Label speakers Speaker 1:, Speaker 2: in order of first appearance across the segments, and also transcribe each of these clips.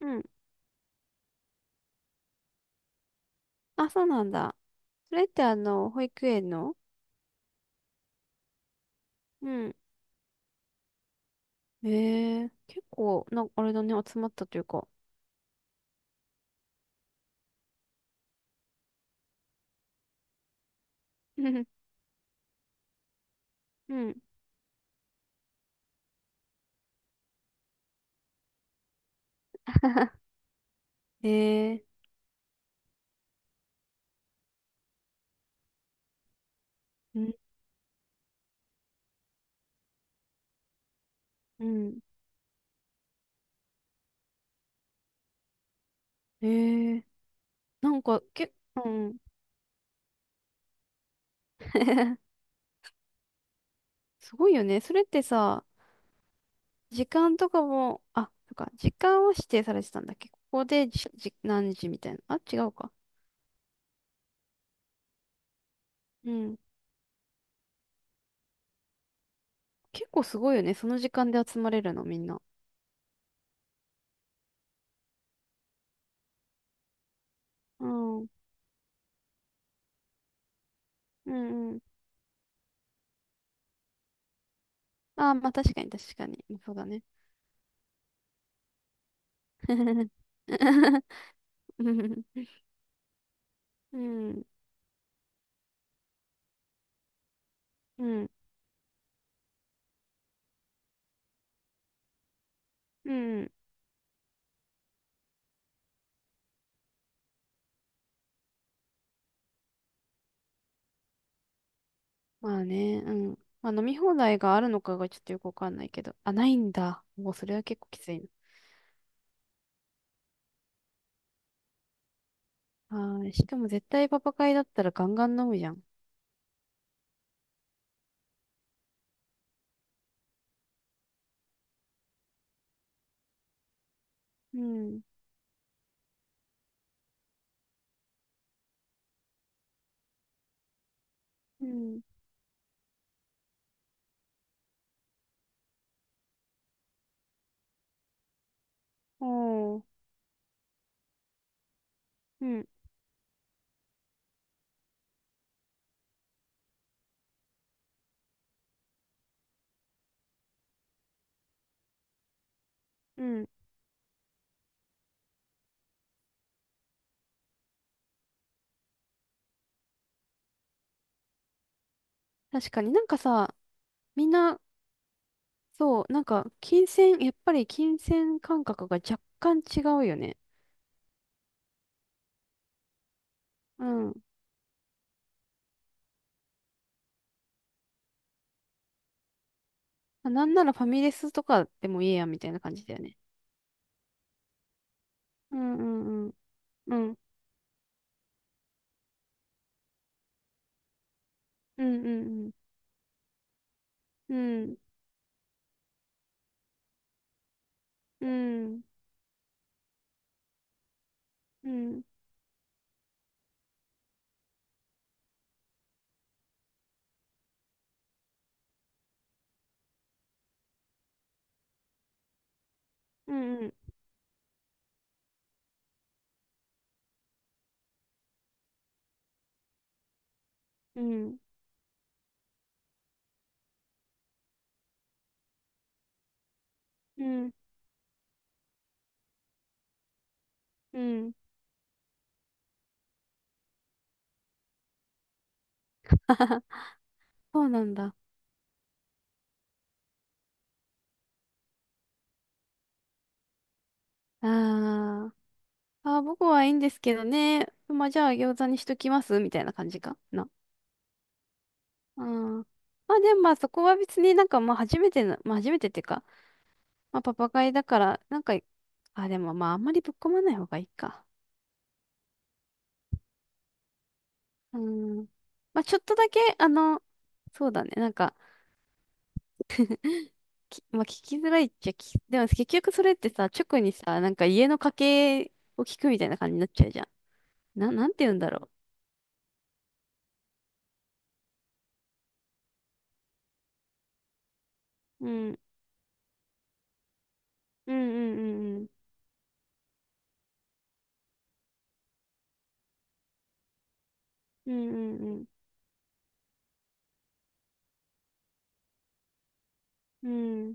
Speaker 1: うん。あ、そうなんだ。それって保育園の。うん。ええ結構、あれだね、集まったというか。うんうん。ええうん、うん。ええなんか、け、うん。すごいよね。それってさ、時間とかも、あ、そっか、時間を指定されてたんだっけここで何時みたいな。あ、違うか。うん。結構すごいよね。その時間で集まれるの、みんな。うん。うんうん。ああ、まあ確かに。そうだね。うん、うん、うん、うん。まあね、うん。まあ飲み放題があるのかがちょっとよくわかんないけど。あ、ないんだ。もうそれは結構きついな。はい。しかも絶対パパ会だったらガンガン飲むじゃん。うん、うん、おー、うん、うん。確かになんかさ、みんな、やっぱり金銭感覚が若干違うよね。うん。まあなんならファミレスとかでもいいや、みたいな感じだよね。うん、うん、うん。うんうんうんうんうんうんうんうんうんうんうん。あはは。 そうなんだ。あー、あー、僕はいいんですけどね。まあ、じゃあ餃子にしときますみたいな感じかな。あー、まあでもまあそこは別にまあ初めての、まあ初めてっていうか、まあパパ会だから、なんか、あ、でもまああんまりぶっ込まない方がいいか。うん。まあちょっとだけ、そうだね。まあ、聞きづらいっちゃでも結局それってさ、直にさ、なんか家の家計を聞くみたいな感じになっちゃうじゃん。なんて言うんだろう。うん。うんうんうんうん。うんうんうん。うん。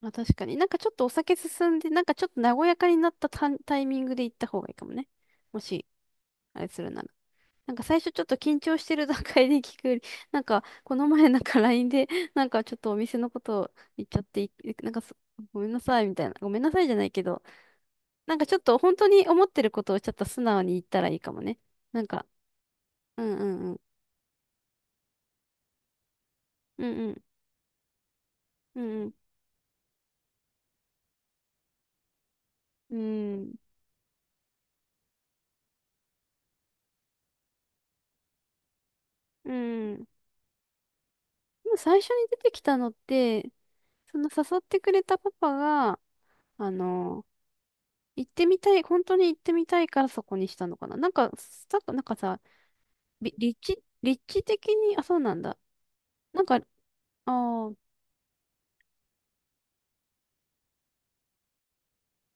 Speaker 1: まあ確かに。なんかちょっとお酒進んで、なんかちょっと和やかになったタイミングで行った方がいいかもね。もし、あれするなら。なんか最初ちょっと緊張してる段階で聞くより、なんかこの前なんか LINE で、なんかちょっとお店のことを言っちゃって、いなんかそごめんなさいみたいな。ごめんなさいじゃないけど、なんかちょっと本当に思ってることをちょっと素直に言ったらいいかもね。なんか、うんうんうん。うんうん。うんうん。うんうん。でも最初に出てきたのって、その誘ってくれたパパが、あの、行ってみたい、本当に行ってみたいからそこにしたのかな。なんかさ、立地的に、あ、そうなんだ。なんか、ああ、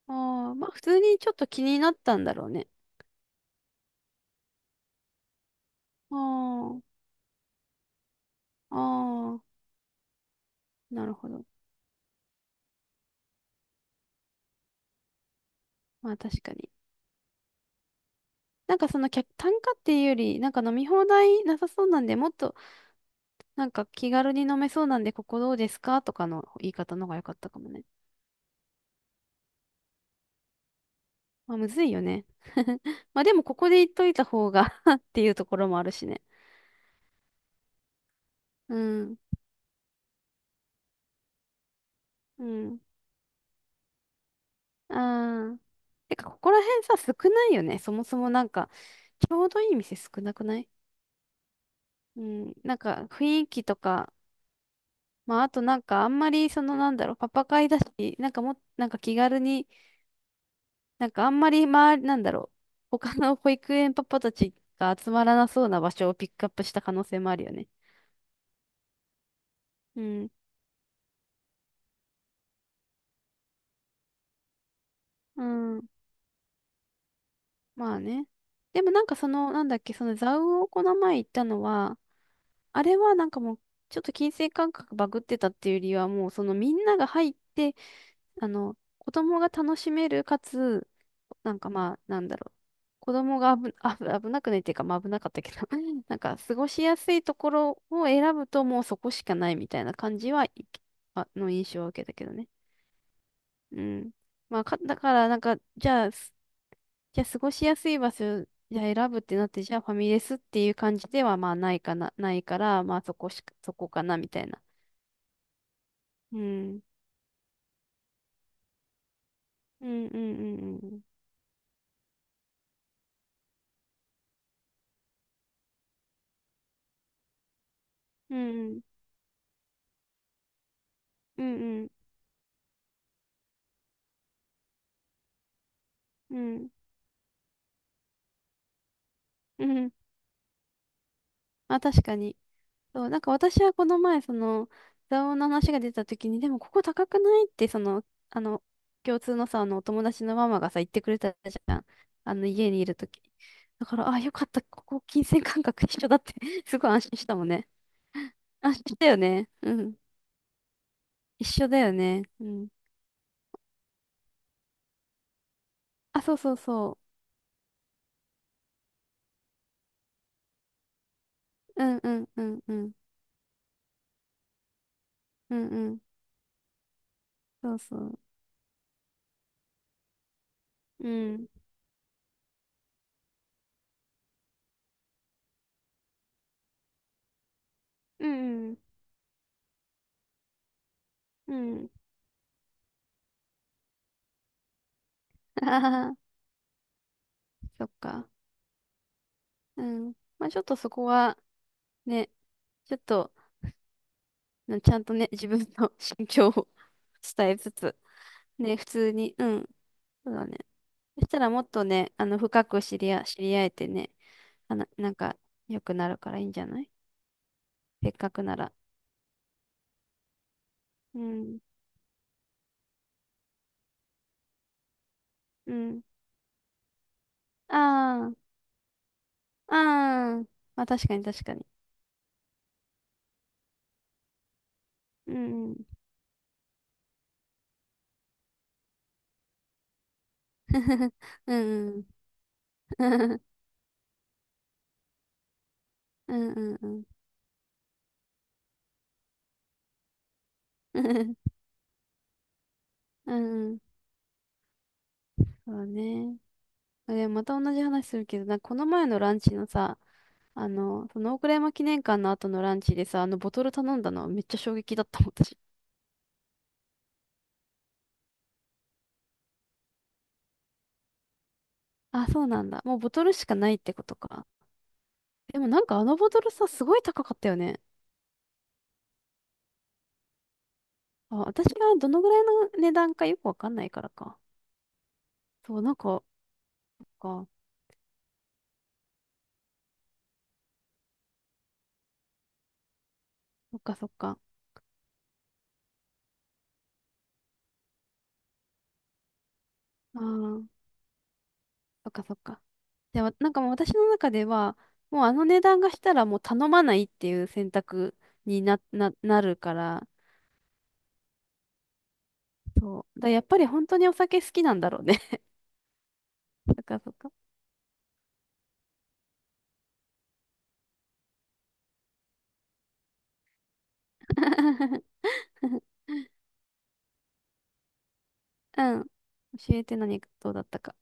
Speaker 1: ああ、まあ普通にちょっと気になったんだろうね。ああ、ああ、なるほど。まあ確かに。なんかその客単価っていうより、なんか飲み放題なさそうなんで、もっとなんか気軽に飲めそうなんで、ここどうですかとかの言い方の方が良かったかもね。まあ、むずいよね。まあでも、ここで言っといた方が っていうところもあるしね。うん。うん。ああ。てか、ここら辺さ、少ないよね。そもそもなんか、ちょうどいい店少なくない？うん。なんか、雰囲気とか、まあ、あとなんか、あんまり、パパ会だし、なんかもっ、なんか気軽に、なんかあんまり、まあ、なんだろう。他の保育園パパたちが集まらなそうな場所をピックアップした可能性もあるよね。うん。うん。まあね。でもなんかその、なんだっけ、その蔵魚をこの前行ったのは、あれはなんかもう、ちょっと金銭感覚バグってたっていうよりは、もうそのみんなが入って、あの、子供が楽しめる、かつ、なんかまあ、なんだろう。子供が危、あぶ危なくないっていうか、まあ危なかったけど、なんか過ごしやすいところを選ぶともうそこしかないみたいな感じ、はい、あの印象を受けたけどね。うん。まあ、だからなんか、じゃあ過ごしやすい場所、じゃあ選ぶってなって、じゃあファミレスっていう感じではまあないかな、ないから、そこかなみたいな。うん。うんうんうんうん。うんうん。うんうん。うん。うん。あ、確かに。そう、なんか私はこの前、その、座王の話が出た時に、でもここ高くないって、その、あの、共通のさ、あの、お友達のママがさ、言ってくれたじゃん。あの、家にいる時だから、あ、よかった。ここ、金銭感覚一緒だって すごい安心したもんね。安心したよね。うん。一緒だよね。うん。あ、そうそうそう。うんうんうんうん。うんうん。そうそう。うん。うんうん。うん。あはは。そっか。うん。まあちょっとそこは、ね、ちょっと、ちゃんとね、自分の 心境を 伝えつつ、ね、普通に、うん、そうだね。そしたらもっとね、あの、深く知り合、知り合えてね、あの、なんか、良くなるからいいんじゃない？せっかくなら。うん、うん。ああ、ああ、まあ確かに。うん、うん。うん、うん。うん、うん、うん。うん、うん。そうね。あ、でもまた同じ話するけど、なんかこの前のランチのさ、あの、その大倉山記念館の後のランチでさ、あのボトル頼んだのはめっちゃ衝撃だったもん、私。あ、そうなんだ。もうボトルしかないってことか。でもなんかあのボトルさ、すごい高かったよね。あ、私がどのぐらいの値段かよくわかんないからか。そう、なんか、そっか、そっか。ああー、そっか、そっか。でも、なんかもう私の中では、もうあの値段がしたらもう頼まないっていう選択になるから、そう。だやっぱり本当にお酒好きなんだろうね。そっかそっか。うん。教えて何がどうだったか。